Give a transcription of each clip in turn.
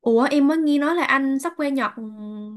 Ủa, em mới nghe nói là anh sắp qua Nhật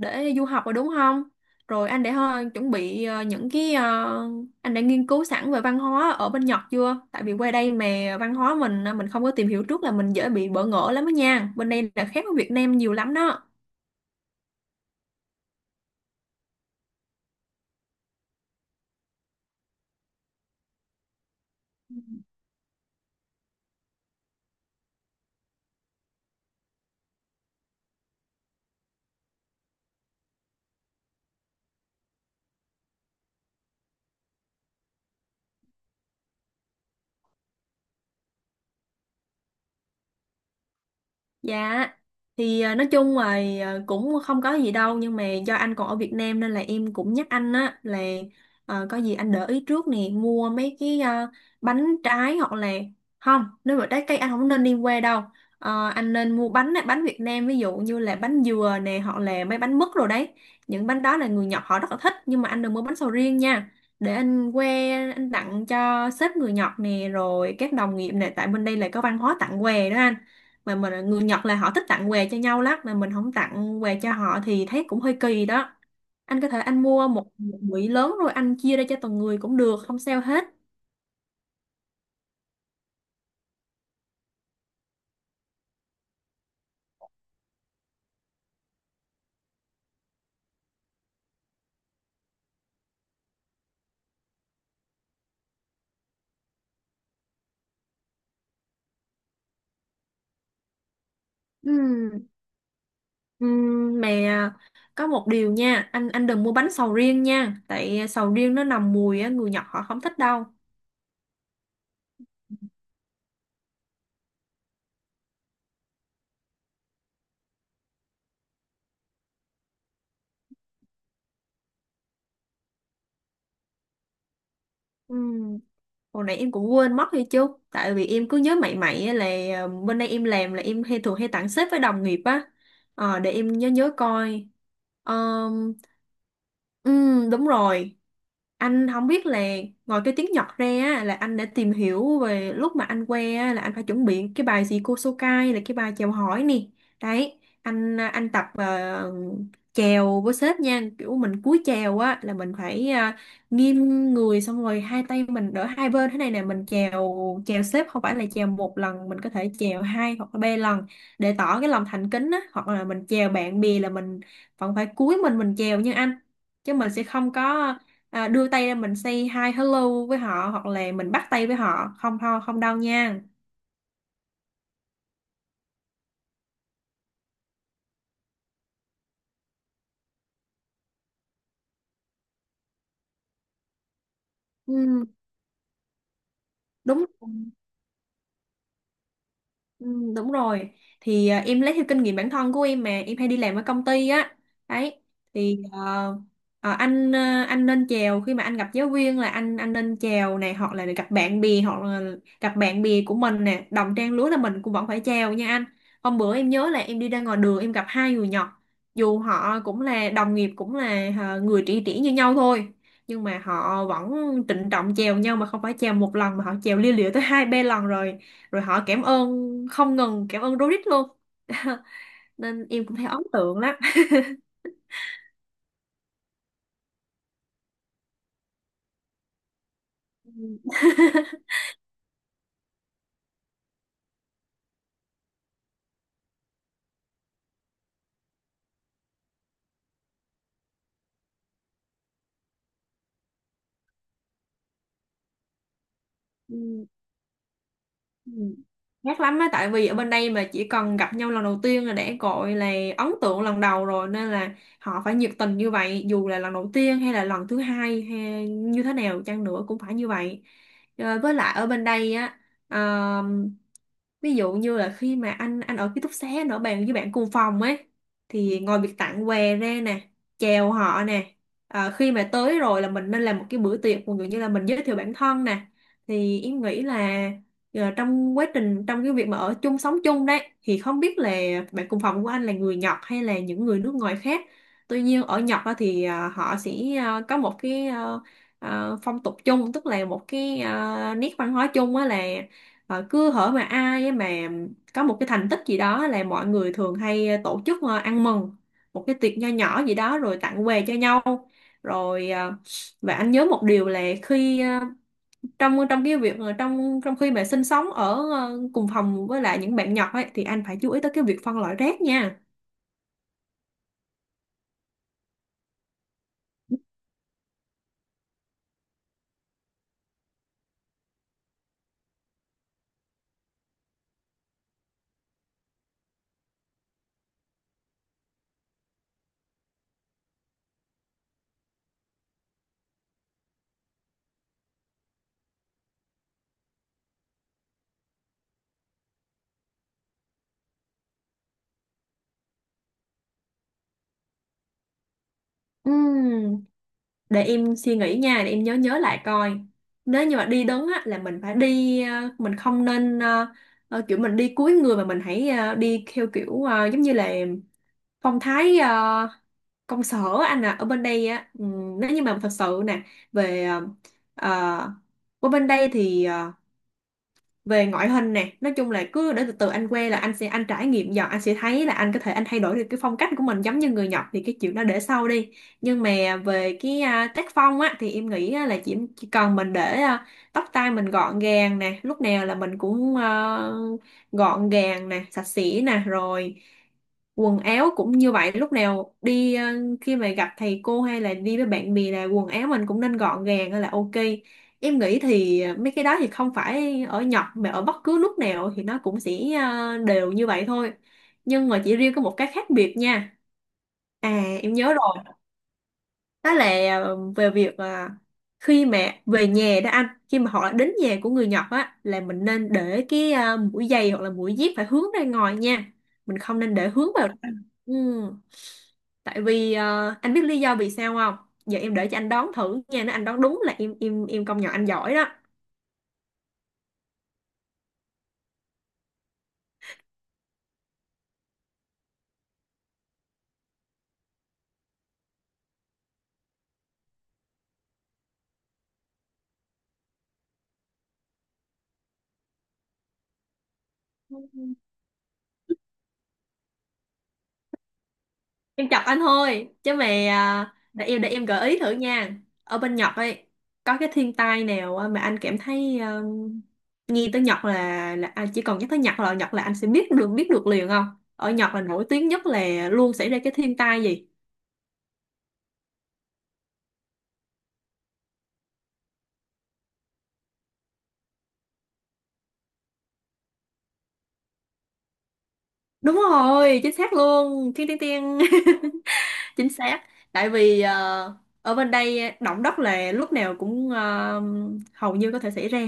để du học rồi đúng không? Rồi anh đã chuẩn bị những cái anh đã nghiên cứu sẵn về văn hóa ở bên Nhật chưa? Tại vì qua đây mà văn hóa mình mình không có tìm hiểu trước là mình dễ bị bỡ ngỡ lắm đó nha. Bên đây là khác với Việt Nam nhiều lắm đó. Dạ, thì nói chung là cũng không có gì đâu, nhưng mà do anh còn ở Việt Nam nên là em cũng nhắc anh á là có gì anh để ý trước nè, mua mấy cái bánh trái, hoặc là không, nếu mà trái cây anh không nên đi qua đâu. Ờ, anh nên mua bánh á, bánh Việt Nam, ví dụ như là bánh dừa nè, hoặc là mấy bánh mứt rồi đấy. Những bánh đó là người Nhật họ rất là thích, nhưng mà anh đừng mua bánh sầu riêng nha, để anh qua anh tặng cho sếp người Nhật nè, rồi các đồng nghiệp nè, tại bên đây là có văn hóa tặng quà đó anh. Mà mình người Nhật là họ thích tặng quà cho nhau lắm, mà mình không tặng quà cho họ thì thấy cũng hơi kỳ đó. Anh có thể anh mua một một bụi lớn rồi anh chia ra cho từng người cũng được, không sao hết. Ừm, ừ, mà có một điều nha anh đừng mua bánh sầu riêng nha, tại sầu riêng nó nằm mùi á, người Nhật họ không thích đâu. Ừ. Hồi nãy em cũng quên mất hay chứ. Tại vì em cứ nhớ mày mày á, là bên đây em làm là em hay thường hay tặng sếp với đồng nghiệp á. Ờ, để em nhớ nhớ coi. Ờm, Đúng rồi. Anh không biết là ngoài cái tiếng Nhật ra á, là anh đã tìm hiểu về lúc mà anh qua á, là anh phải chuẩn bị cái bài gì, Kosokai là cái bài chào hỏi nè. Đấy, anh tập chào với sếp nha, kiểu mình cúi chào á là mình phải nghiêng người, xong rồi hai tay mình đỡ hai bên thế này nè, mình chèo. Chèo xếp, không phải là chèo một lần, mình có thể chèo hai hoặc là ba lần để tỏ cái lòng thành kính á. Hoặc là mình chèo bạn bè là mình vẫn phải cúi mình chèo như anh, chứ mình sẽ không có đưa tay ra mình say hi hello với họ, hoặc là mình bắt tay với họ, không không không đâu nha. Ừ, đúng. Ừ, đúng rồi. Thì em lấy theo kinh nghiệm bản thân của em mà em hay đi làm ở công ty á, đấy. Thì anh, anh nên chào khi mà anh gặp giáo viên là anh nên chào này, hoặc là gặp bạn bè, hoặc là gặp bạn bè của mình nè, đồng trang lứa là mình cũng vẫn phải chào nha anh. Hôm bữa em nhớ là em đi ra ngoài đường em gặp hai người Nhật, dù họ cũng là đồng nghiệp, cũng là người tri kỷ như nhau thôi, nhưng mà họ vẫn trịnh trọng chèo nhau, mà không phải chèo một lần mà họ chèo lia lịa tới hai ba lần rồi. Rồi họ cảm ơn không ngừng, cảm ơn Dorit luôn. Nên em cũng thấy ấn tượng lắm. Ừ. Ừ. Gắt lắm á, tại vì ở bên đây mà chỉ cần gặp nhau lần đầu tiên là đã gọi là ấn tượng lần đầu rồi, nên là họ phải nhiệt tình như vậy, dù là lần đầu tiên hay là lần thứ hai hay như thế nào chăng nữa cũng phải như vậy. Ờ, với lại ở bên đây á, ờ, ví dụ như là khi mà anh ở ký túc xá, anh ở bàn với bạn cùng phòng ấy, thì ngoài việc tặng quà ra nè, chào họ nè, khi mà tới rồi là mình nên làm một cái bữa tiệc, ví dụ như là mình giới thiệu bản thân nè, thì em nghĩ là giờ trong quá trình, trong cái việc mà ở chung sống chung đấy thì không biết là bạn cùng phòng của anh là người Nhật hay là những người nước ngoài khác. Tuy nhiên ở Nhật á thì họ sẽ có một cái phong tục chung, tức là một cái nét văn hóa chung á, là cứ hở mà ai á mà có một cái thành tích gì đó là mọi người thường hay tổ chức ăn mừng một cái tiệc nho nhỏ gì đó rồi tặng quà cho nhau. Rồi và anh nhớ một điều là khi trong trong cái việc trong trong khi mà sinh sống ở cùng phòng với lại những bạn nhỏ ấy, thì anh phải chú ý tới cái việc phân loại rác nha. Ừm, để em suy nghĩ nha, để em nhớ nhớ lại coi. Nếu như mà đi đứng á là mình phải đi mình không nên kiểu mình đi cúi người, mà mình hãy đi theo kiểu giống như là phong thái công sở. Anh à, ở bên đây á, nếu như mà thật sự nè, về ờ, ở bên đây thì về ngoại hình nè, nói chung là cứ để từ từ anh quen là anh sẽ anh trải nghiệm dần, anh sẽ thấy là anh có thể anh thay đổi được cái phong cách của mình giống như người Nhật, thì cái chuyện đó để sau đi. Nhưng mà về cái tác phong á thì em nghĩ á, là chỉ cần mình để tóc tai mình gọn gàng nè, lúc nào là mình cũng gọn gàng nè, sạch sẽ nè, rồi quần áo cũng như vậy, lúc nào đi khi mà gặp thầy cô hay là đi với bạn bè là quần áo mình cũng nên gọn gàng là ok. Em nghĩ thì mấy cái đó thì không phải ở Nhật mà ở bất cứ nước nào thì nó cũng sẽ đều như vậy thôi. Nhưng mà chỉ riêng có một cái khác biệt nha. À, em nhớ rồi. Đó là về việc khi mà về nhà đó anh, khi mà họ đã đến nhà của người Nhật á là mình nên để cái mũi giày hoặc là mũi dép phải hướng ra ngoài nha. Mình không nên để hướng vào. Ừ. Tại vì anh biết lý do vì sao không? Giờ em để cho anh đoán thử nha, nếu anh đoán đúng là em công nhận anh giỏi đó. Em chọc anh thôi chứ mà để em gợi ý thử nha. Ở bên Nhật ấy có cái thiên tai nào mà anh cảm thấy nghe tới Nhật là anh chỉ cần nhắc tới Nhật là anh sẽ biết được liền không? Ở Nhật là nổi tiếng nhất là luôn xảy ra cái thiên tai gì? Đúng rồi, chính xác luôn. Thiên tiên tiên. Chính xác. Tại vì ở bên đây động đất là lúc nào cũng hầu như có thể xảy ra.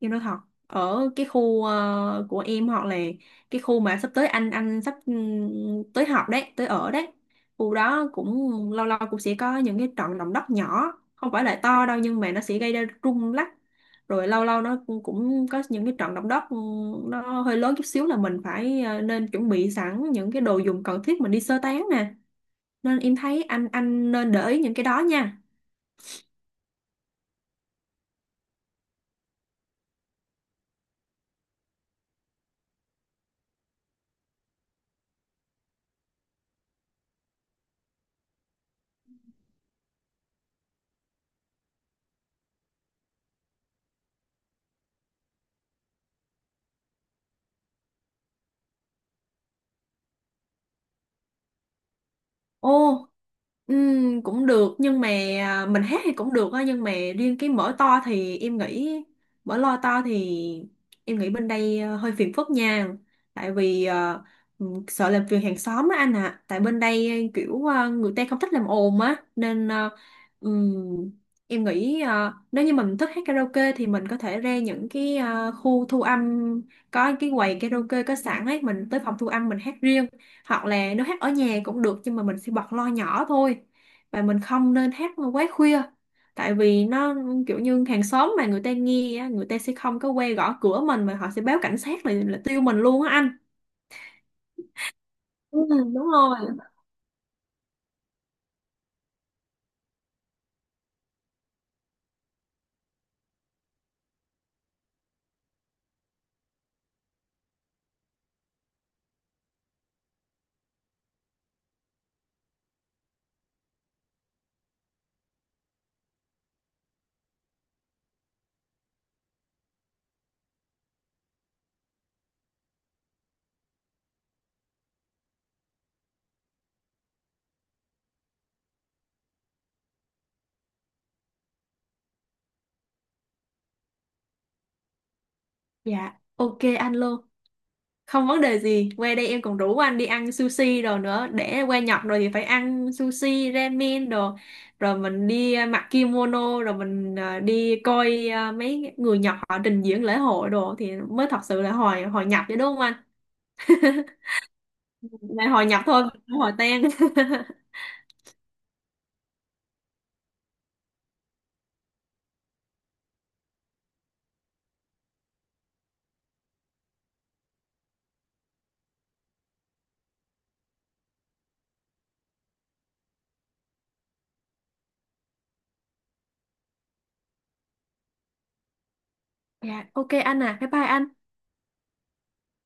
Em nói thật, ở cái khu của em, hoặc là cái khu mà sắp tới anh sắp tới học đấy, tới ở đấy, khu đó cũng lâu lâu cũng sẽ có những cái trận động đất nhỏ, không phải là to đâu, nhưng mà nó sẽ gây ra rung lắc. Rồi lâu lâu nó cũng cũng có những cái trận động đất nó hơi lớn chút xíu, là mình phải nên chuẩn bị sẵn những cái đồ dùng cần thiết mình đi sơ tán nè. Nên em thấy anh nên để ý những cái đó nha. Ô, cũng được, nhưng mà mình hát thì cũng được á, nhưng mà riêng cái mở to thì em nghĩ, mở loa to thì em nghĩ bên đây hơi phiền phức nha. Tại vì sợ làm phiền hàng xóm á anh ạ. À. Tại bên đây kiểu người ta không thích làm ồn á, nên ừm, em nghĩ nếu như mình thích hát karaoke thì mình có thể ra những cái khu thu âm, có cái quầy karaoke có sẵn ấy, mình tới phòng thu âm mình hát riêng. Hoặc là nếu hát ở nhà cũng được, nhưng mà mình sẽ bật lo nhỏ thôi, và mình không nên hát quá khuya. Tại vì nó kiểu như hàng xóm mà người ta nghe á, người ta sẽ không có quay gõ cửa mình, mà họ sẽ báo cảnh sát, là tiêu mình luôn á anh. Ừ, đúng rồi. Dạ ok anh luôn, không vấn đề gì. Qua đây em còn rủ anh đi ăn sushi đồ nữa, để qua Nhật rồi thì phải ăn sushi ramen đồ, rồi mình đi mặc kimono, rồi mình đi coi mấy người Nhật họ trình diễn lễ hội đồ, thì mới thật sự là hồi hồi Nhật chứ, đúng không anh? Này hồi Nhật thôi, không hồi tan. Dạ ok anh à, bye bye anh.